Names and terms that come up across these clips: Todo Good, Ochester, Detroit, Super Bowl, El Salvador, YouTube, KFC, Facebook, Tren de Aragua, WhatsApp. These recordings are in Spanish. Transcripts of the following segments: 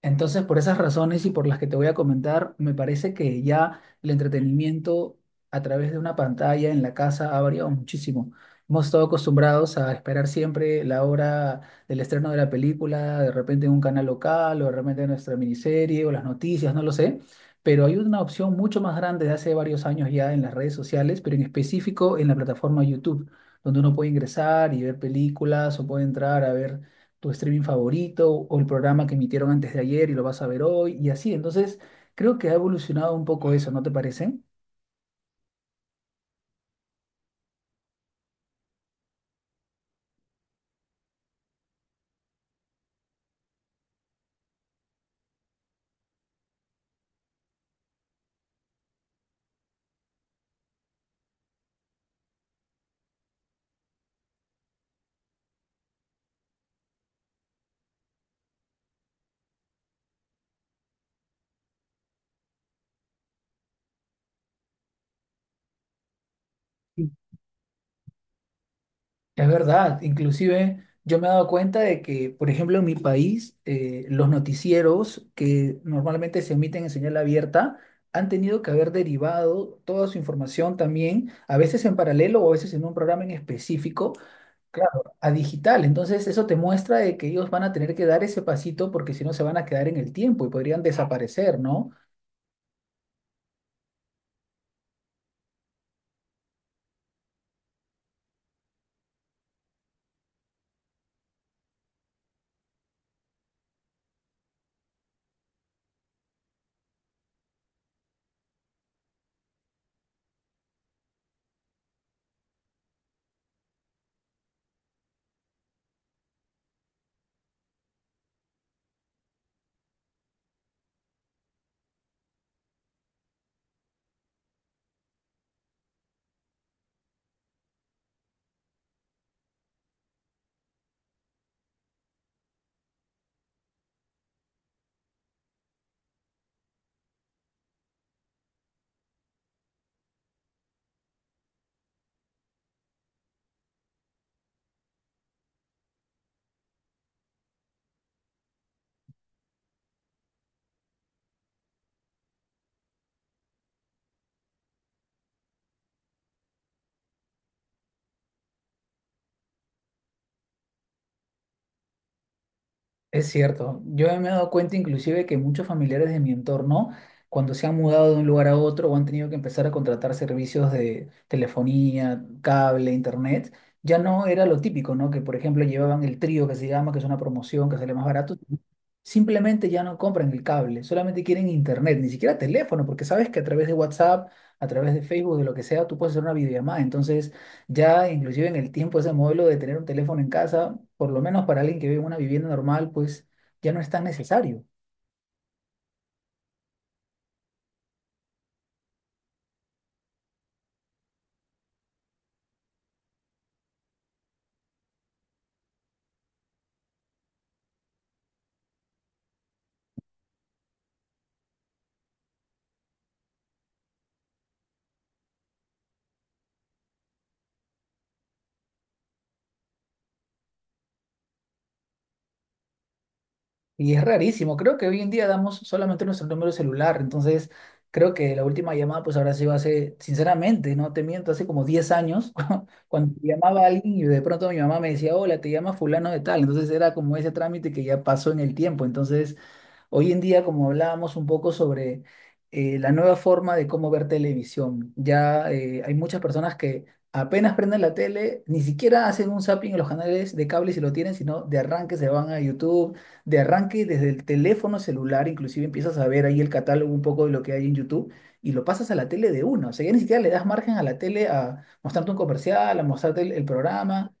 Entonces, por esas razones y por las que te voy a comentar, me parece que ya el entretenimiento a través de una pantalla en la casa ha variado muchísimo. Hemos estado acostumbrados a esperar siempre la hora del estreno de la película, de repente en un canal local o de repente en nuestra miniserie o las noticias, no lo sé. Pero hay una opción mucho más grande de hace varios años ya en las redes sociales, pero en específico en la plataforma YouTube, donde uno puede ingresar y ver películas o puede entrar a ver tu streaming favorito o el programa que emitieron antes de ayer y lo vas a ver hoy y así. Entonces, creo que ha evolucionado un poco eso, ¿no te parece? Sí. Es verdad, inclusive yo me he dado cuenta de que, por ejemplo, en mi país, los noticieros que normalmente se emiten en señal abierta han tenido que haber derivado toda su información también, a veces en paralelo o a veces en un programa en específico. Claro, a digital. Entonces, eso te muestra de que ellos van a tener que dar ese pasito porque si no se van a quedar en el tiempo y podrían desaparecer, ¿no? Es cierto, yo me he dado cuenta inclusive que muchos familiares de mi entorno, cuando se han mudado de un lugar a otro o han tenido que empezar a contratar servicios de telefonía, cable, internet, ya no era lo típico, ¿no? Que por ejemplo llevaban el trío que se llama, que es una promoción que sale más barato. Simplemente ya no compran el cable, solamente quieren internet, ni siquiera teléfono, porque sabes que a través de WhatsApp, a través de Facebook, de lo que sea, tú puedes hacer una videollamada. Entonces, ya inclusive en el tiempo ese modelo de tener un teléfono en casa, por lo menos para alguien que vive en una vivienda normal, pues ya no es tan necesario. Y es rarísimo. Creo que hoy en día damos solamente nuestro número celular. Entonces, creo que la última llamada pues habrá sido hace, sinceramente, no te miento, hace como 10 años, cuando llamaba a alguien y de pronto mi mamá me decía, hola, te llama fulano de tal. Entonces era como ese trámite que ya pasó en el tiempo. Entonces, hoy en día, como hablábamos un poco sobre la nueva forma de cómo ver televisión, ya hay muchas personas que apenas prenden la tele, ni siquiera hacen un zapping en los canales de cable si lo tienen, sino de arranque se van a YouTube, de arranque desde el teléfono celular, inclusive empiezas a ver ahí el catálogo un poco de lo que hay en YouTube y lo pasas a la tele de uno. O sea, ya ni siquiera le das margen a la tele a mostrarte un comercial, a mostrarte el programa.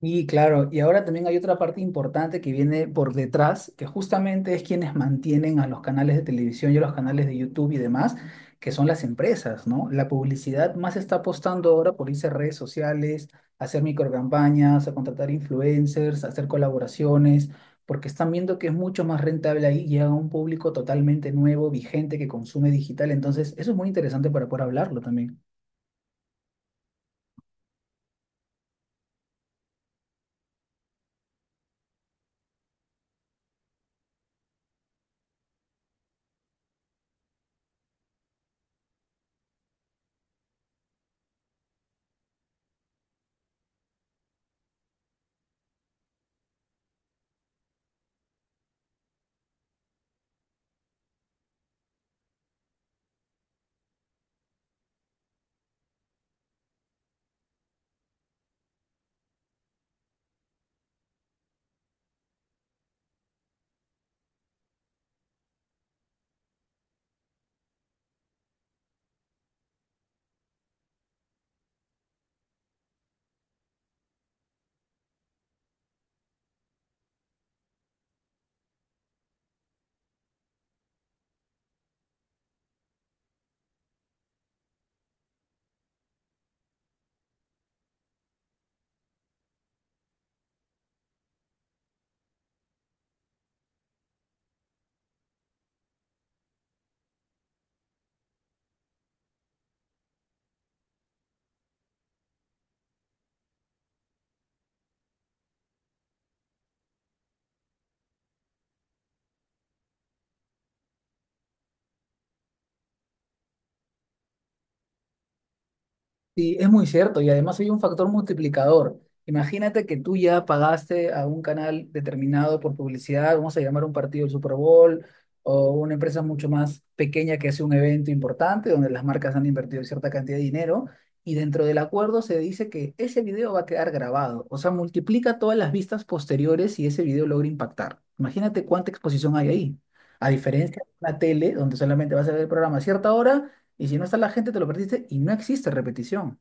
Y claro, y ahora también hay otra parte importante que viene por detrás, que justamente es quienes mantienen a los canales de televisión y a los canales de YouTube y demás, que son las empresas, ¿no? La publicidad más está apostando ahora por irse a redes sociales, a hacer microcampañas, a contratar influencers, a hacer colaboraciones, porque están viendo que es mucho más rentable ahí, llega a un público totalmente nuevo, vigente, que consume digital. Entonces, eso es muy interesante para poder hablarlo también. Sí, es muy cierto y además hay un factor multiplicador. Imagínate que tú ya pagaste a un canal determinado por publicidad, vamos a llamar un partido del Super Bowl o una empresa mucho más pequeña que hace un evento importante donde las marcas han invertido cierta cantidad de dinero y dentro del acuerdo se dice que ese video va a quedar grabado, o sea, multiplica todas las vistas posteriores y ese video logra impactar. Imagínate cuánta exposición hay ahí. A diferencia de una tele donde solamente vas a ver el programa a cierta hora y si no está la gente, te lo perdiste y no existe repetición.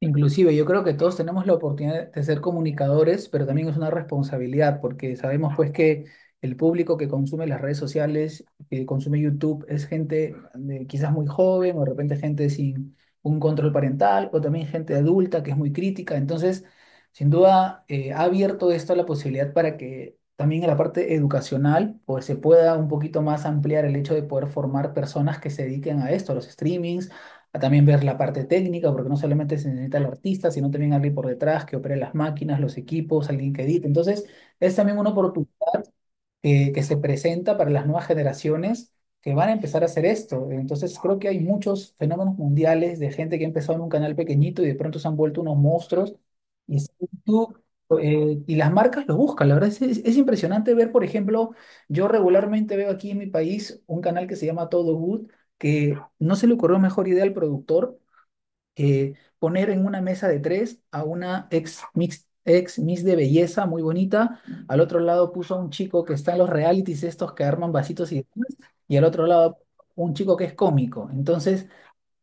Inclusive, yo creo que todos tenemos la oportunidad de ser comunicadores, pero también es una responsabilidad, porque sabemos pues que el público que consume las redes sociales, que consume YouTube, es gente de- quizás muy joven, o de repente gente sin un control parental, o también gente adulta que es muy crítica. Entonces, sin duda, ha abierto esto la posibilidad para que también en la parte educacional, pues se pueda un poquito más ampliar el hecho de poder formar personas que se dediquen a esto, a los streamings, a también ver la parte técnica, porque no solamente se necesita el artista, sino también alguien por detrás que opere las máquinas, los equipos, alguien que edite. Entonces, es también una oportunidad que se presenta para las nuevas generaciones que van a empezar a hacer esto. Entonces creo que hay muchos fenómenos mundiales de gente que ha empezado en un canal pequeñito y de pronto se han vuelto unos monstruos y, está en YouTube, y las marcas lo buscan. La verdad es impresionante ver, por ejemplo, yo regularmente veo aquí en mi país un canal que se llama Todo Good, que no se le ocurrió mejor idea al productor poner en una mesa de tres a una ex miss de belleza muy bonita. Al otro lado puso a un chico que está en los realities estos que arman vasitos y demás, y al otro lado un chico que es cómico. Entonces,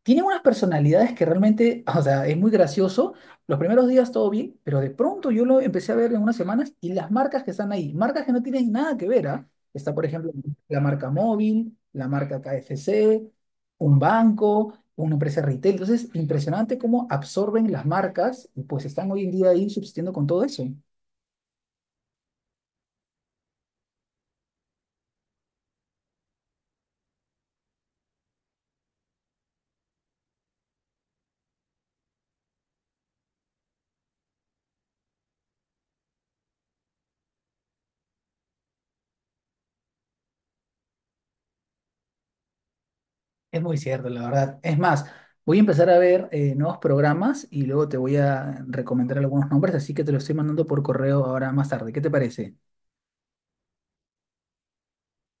tienen unas personalidades que realmente, o sea, es muy gracioso. Los primeros días todo bien, pero de pronto yo lo empecé a ver en unas semanas y las marcas que están ahí, marcas que no tienen nada que ver, ¿ah? Está, por ejemplo, la marca móvil, la marca KFC, un banco, una empresa retail. Entonces, impresionante cómo absorben las marcas y pues están hoy en día ahí subsistiendo con todo eso. Es muy cierto, la verdad. Es más, voy a empezar a ver nuevos programas y luego te voy a recomendar algunos nombres, así que te los estoy mandando por correo ahora más tarde. ¿Qué te parece?